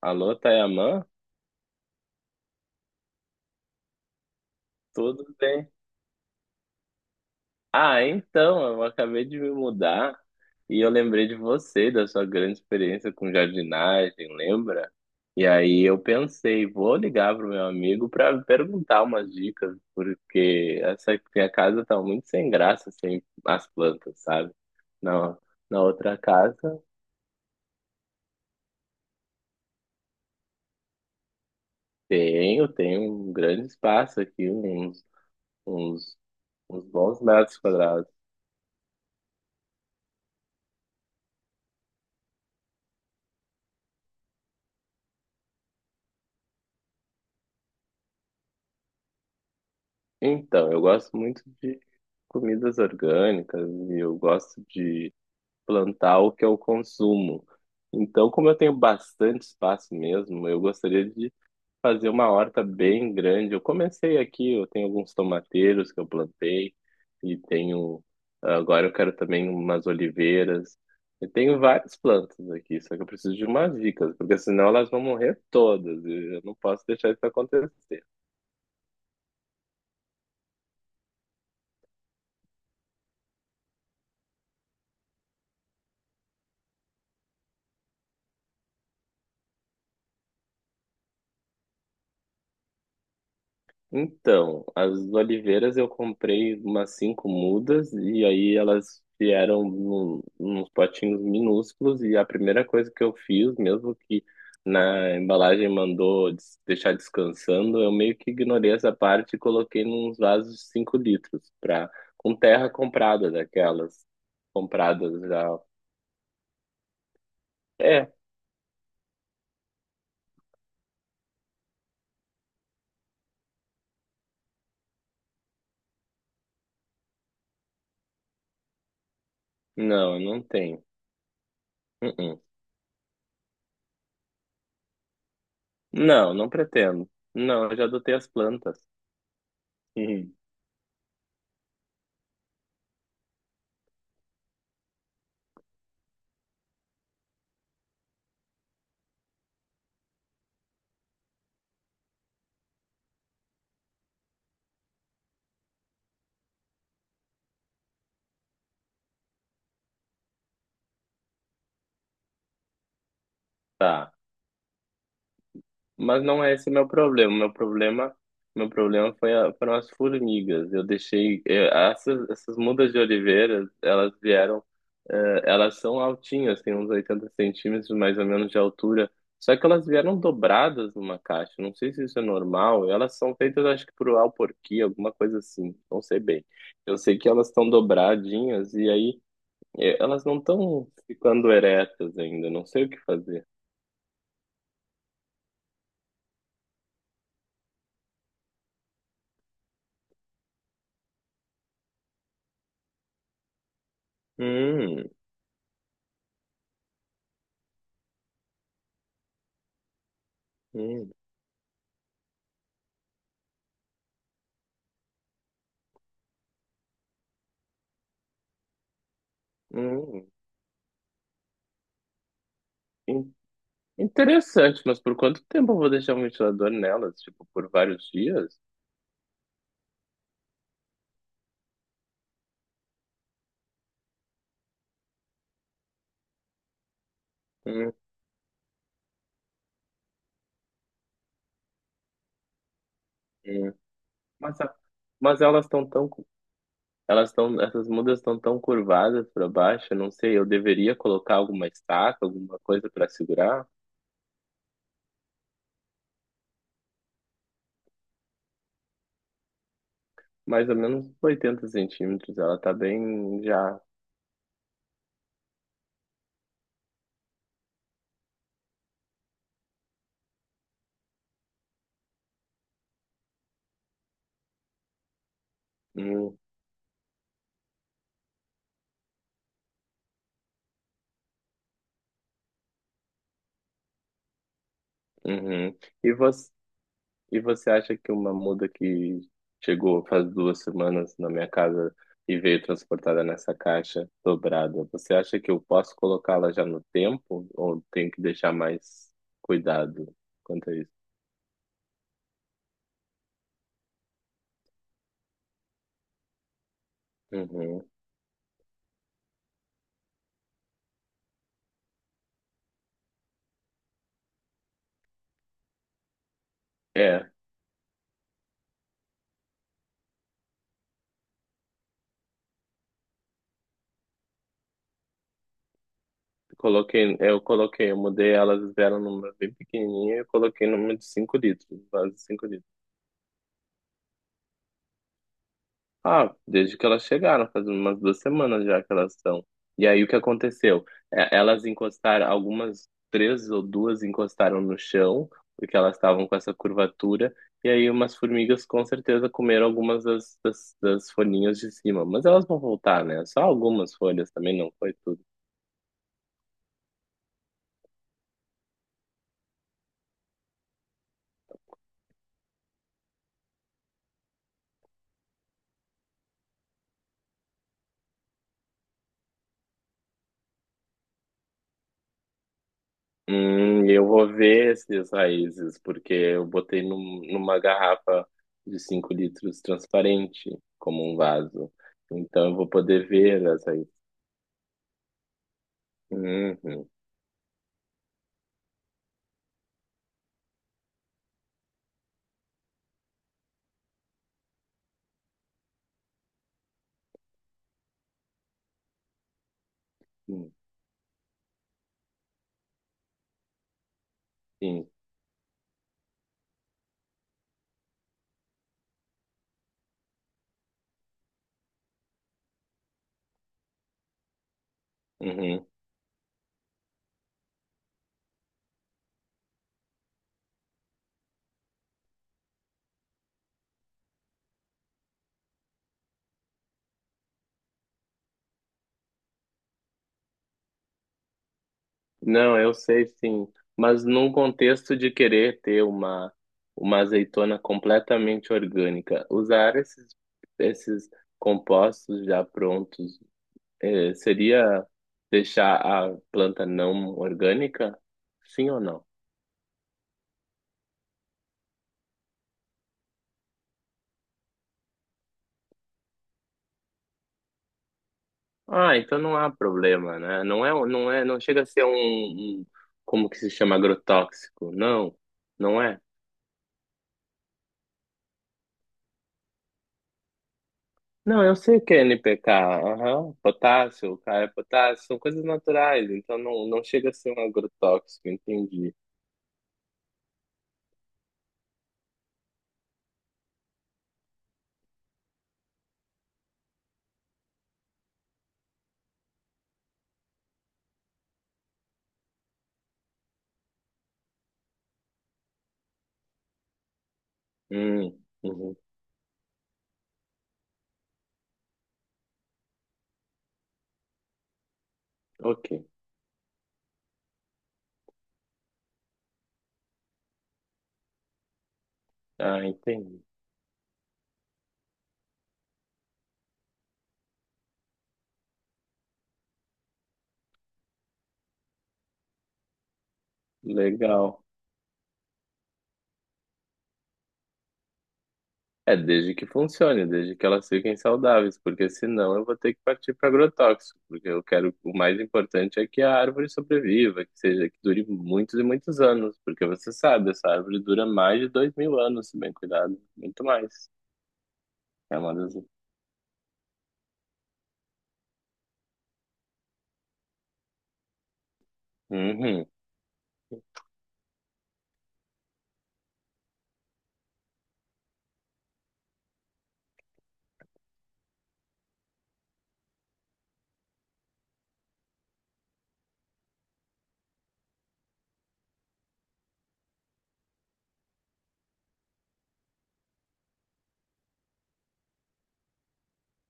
Alô, Tayamã? Tudo bem? Ah, então, eu acabei de me mudar e eu lembrei de você, da sua grande experiência com jardinagem, lembra? E aí eu pensei, vou ligar pro meu amigo para perguntar umas dicas, porque essa minha casa tá muito sem graça sem as plantas, sabe? Na, na outra casa tenho um grande espaço aqui, uns, uns bons metros quadrados. Então, eu gosto muito de comidas orgânicas e eu gosto de plantar o que eu consumo. Então, como eu tenho bastante espaço mesmo, eu gostaria de fazer uma horta bem grande. Eu comecei aqui, eu tenho alguns tomateiros que eu plantei e tenho agora eu quero também umas oliveiras. Eu tenho várias plantas aqui, só que eu preciso de umas dicas, porque senão elas vão morrer todas. Eu não posso deixar isso acontecer. Então, as oliveiras eu comprei umas cinco mudas e aí elas vieram nos potinhos minúsculos, e a primeira coisa que eu fiz, mesmo que na embalagem mandou deixar descansando, eu meio que ignorei essa parte e coloquei nos vasos de 5 litros pra, com terra comprada, daquelas compradas já. É, não, eu não tenho. Uh-uh. Não, não pretendo. Não, eu já adotei as plantas. Tá. Mas não é esse meu problema. Meu problema foram as formigas. Eu deixei essas mudas de oliveira, elas vieram, elas são altinhas, têm uns 80 centímetros mais ou menos de altura. Só que elas vieram dobradas numa caixa. Não sei se isso é normal. Elas são feitas, acho que por alporquia, alguma coisa assim. Não sei bem. Eu sei que elas estão dobradinhas e aí elas não estão ficando eretas ainda. Não sei o que fazer. Hum, hum. Hum, In- Interessante, mas por quanto tempo eu vou deixar um ventilador nelas? Tipo, por vários dias? Hum, hum. Mas, a- mas elas estão tão essas mudas estão tão curvadas para baixo, eu não sei, eu deveria colocar alguma estaca, alguma coisa para segurar? Mais ou menos 80 centímetros, ela tá bem já. Hum, uhum. E você, E você acha que uma muda que chegou faz 2 semanas na minha casa e veio transportada nessa caixa dobrada, você acha que eu posso colocá-la já no tempo ou tenho que deixar mais cuidado quanto a isso? Uhum. É, eu mudei, elas vieram numa bem pequenininha e eu coloquei numa de 5 litros, quase 5. Ah, desde que elas chegaram, faz umas 2 semanas já que elas estão. E aí o que aconteceu? É, elas encostaram, algumas três ou duas encostaram no chão, porque elas estavam com essa curvatura, e aí umas formigas com certeza comeram algumas das folhinhas de cima. Mas elas vão voltar, né? Só algumas folhas também, não foi. Eu vou ver esses raízes, porque eu botei numa garrafa de 5 litros transparente, como um vaso. Então eu vou poder ver as raízes. Uhum, uhum, sim, uhum. Não, eu sei sim, mas num contexto de querer ter uma azeitona completamente orgânica, usar esses compostos já prontos, seria deixar a planta não orgânica? Sim ou não? Ah, então não há problema, né? Não é, um, não é, não chega a ser um como que se chama, agrotóxico. Não, não é. Não, eu sei que é NPK, aham, potássio, K é potássio, são coisas naturais, então não, não chega a ser um agrotóxico, entendi. Uhum, ok. Ah, entendi. Legal. É, desde que funcione, desde que elas fiquem saudáveis, porque senão eu vou ter que partir para agrotóxico, porque eu quero, o mais importante é que a árvore sobreviva, que seja, que dure muitos e muitos anos, porque você sabe, essa árvore dura mais de 2000 anos, se bem cuidado, muito mais. É uma das... Uhum.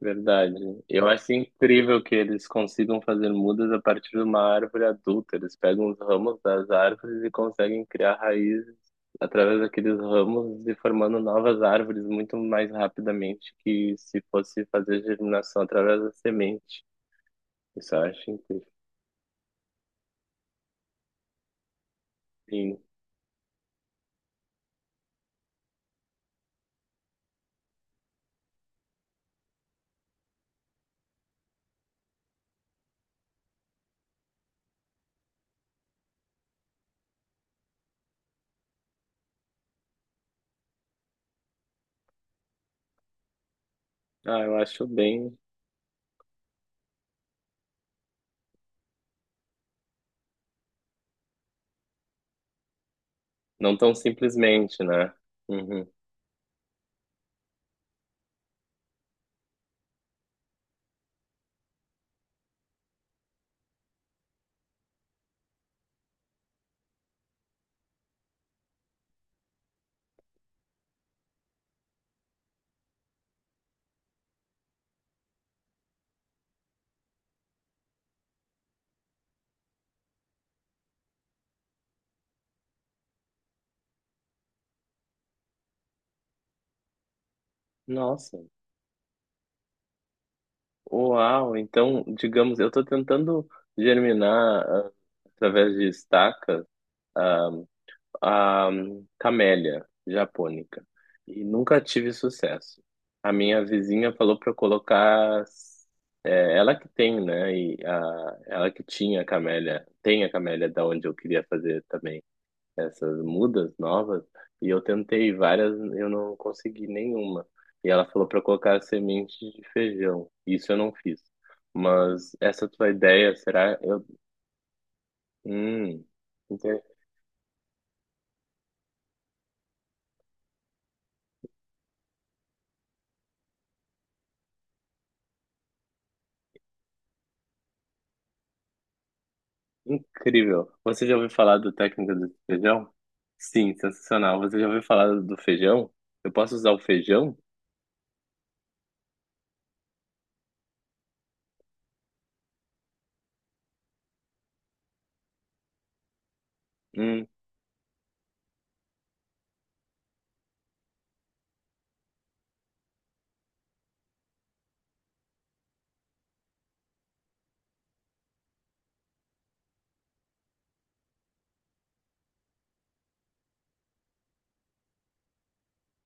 Verdade. Eu acho incrível que eles consigam fazer mudas a partir de uma árvore adulta. Eles pegam os ramos das árvores e conseguem criar raízes através daqueles ramos e formando novas árvores muito mais rapidamente que se fosse fazer germinação através da semente. Isso eu acho incrível. Sim. Ah, eu acho bem. Não tão simplesmente, né? Uhum. Nossa. Uau, então, digamos, eu estou tentando germinar através de estacas. ah, a camélia japônica, e nunca tive sucesso. A minha vizinha falou para eu colocar, é, ela que tem, né? E a, ela que tinha a camélia, tem a camélia da onde eu queria fazer também essas mudas novas. E eu tentei várias, eu não consegui nenhuma. E ela falou para colocar semente de feijão. Isso eu não fiz. Mas essa tua ideia, será? Hum, Incrível. Você já ouviu falar do técnica do feijão? Sim, sensacional. Você já ouviu falar do feijão? Eu posso usar o feijão? Hum,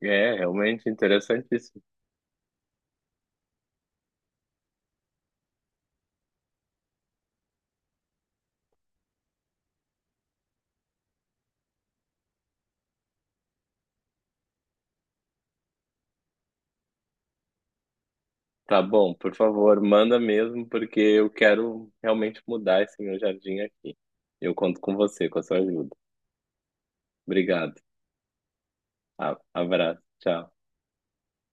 é, realmente interessantíssimo. Tá bom, por favor, manda mesmo, porque eu quero realmente mudar esse meu jardim aqui. Eu conto com você, com a sua ajuda. Obrigado. Abraço. Tchau.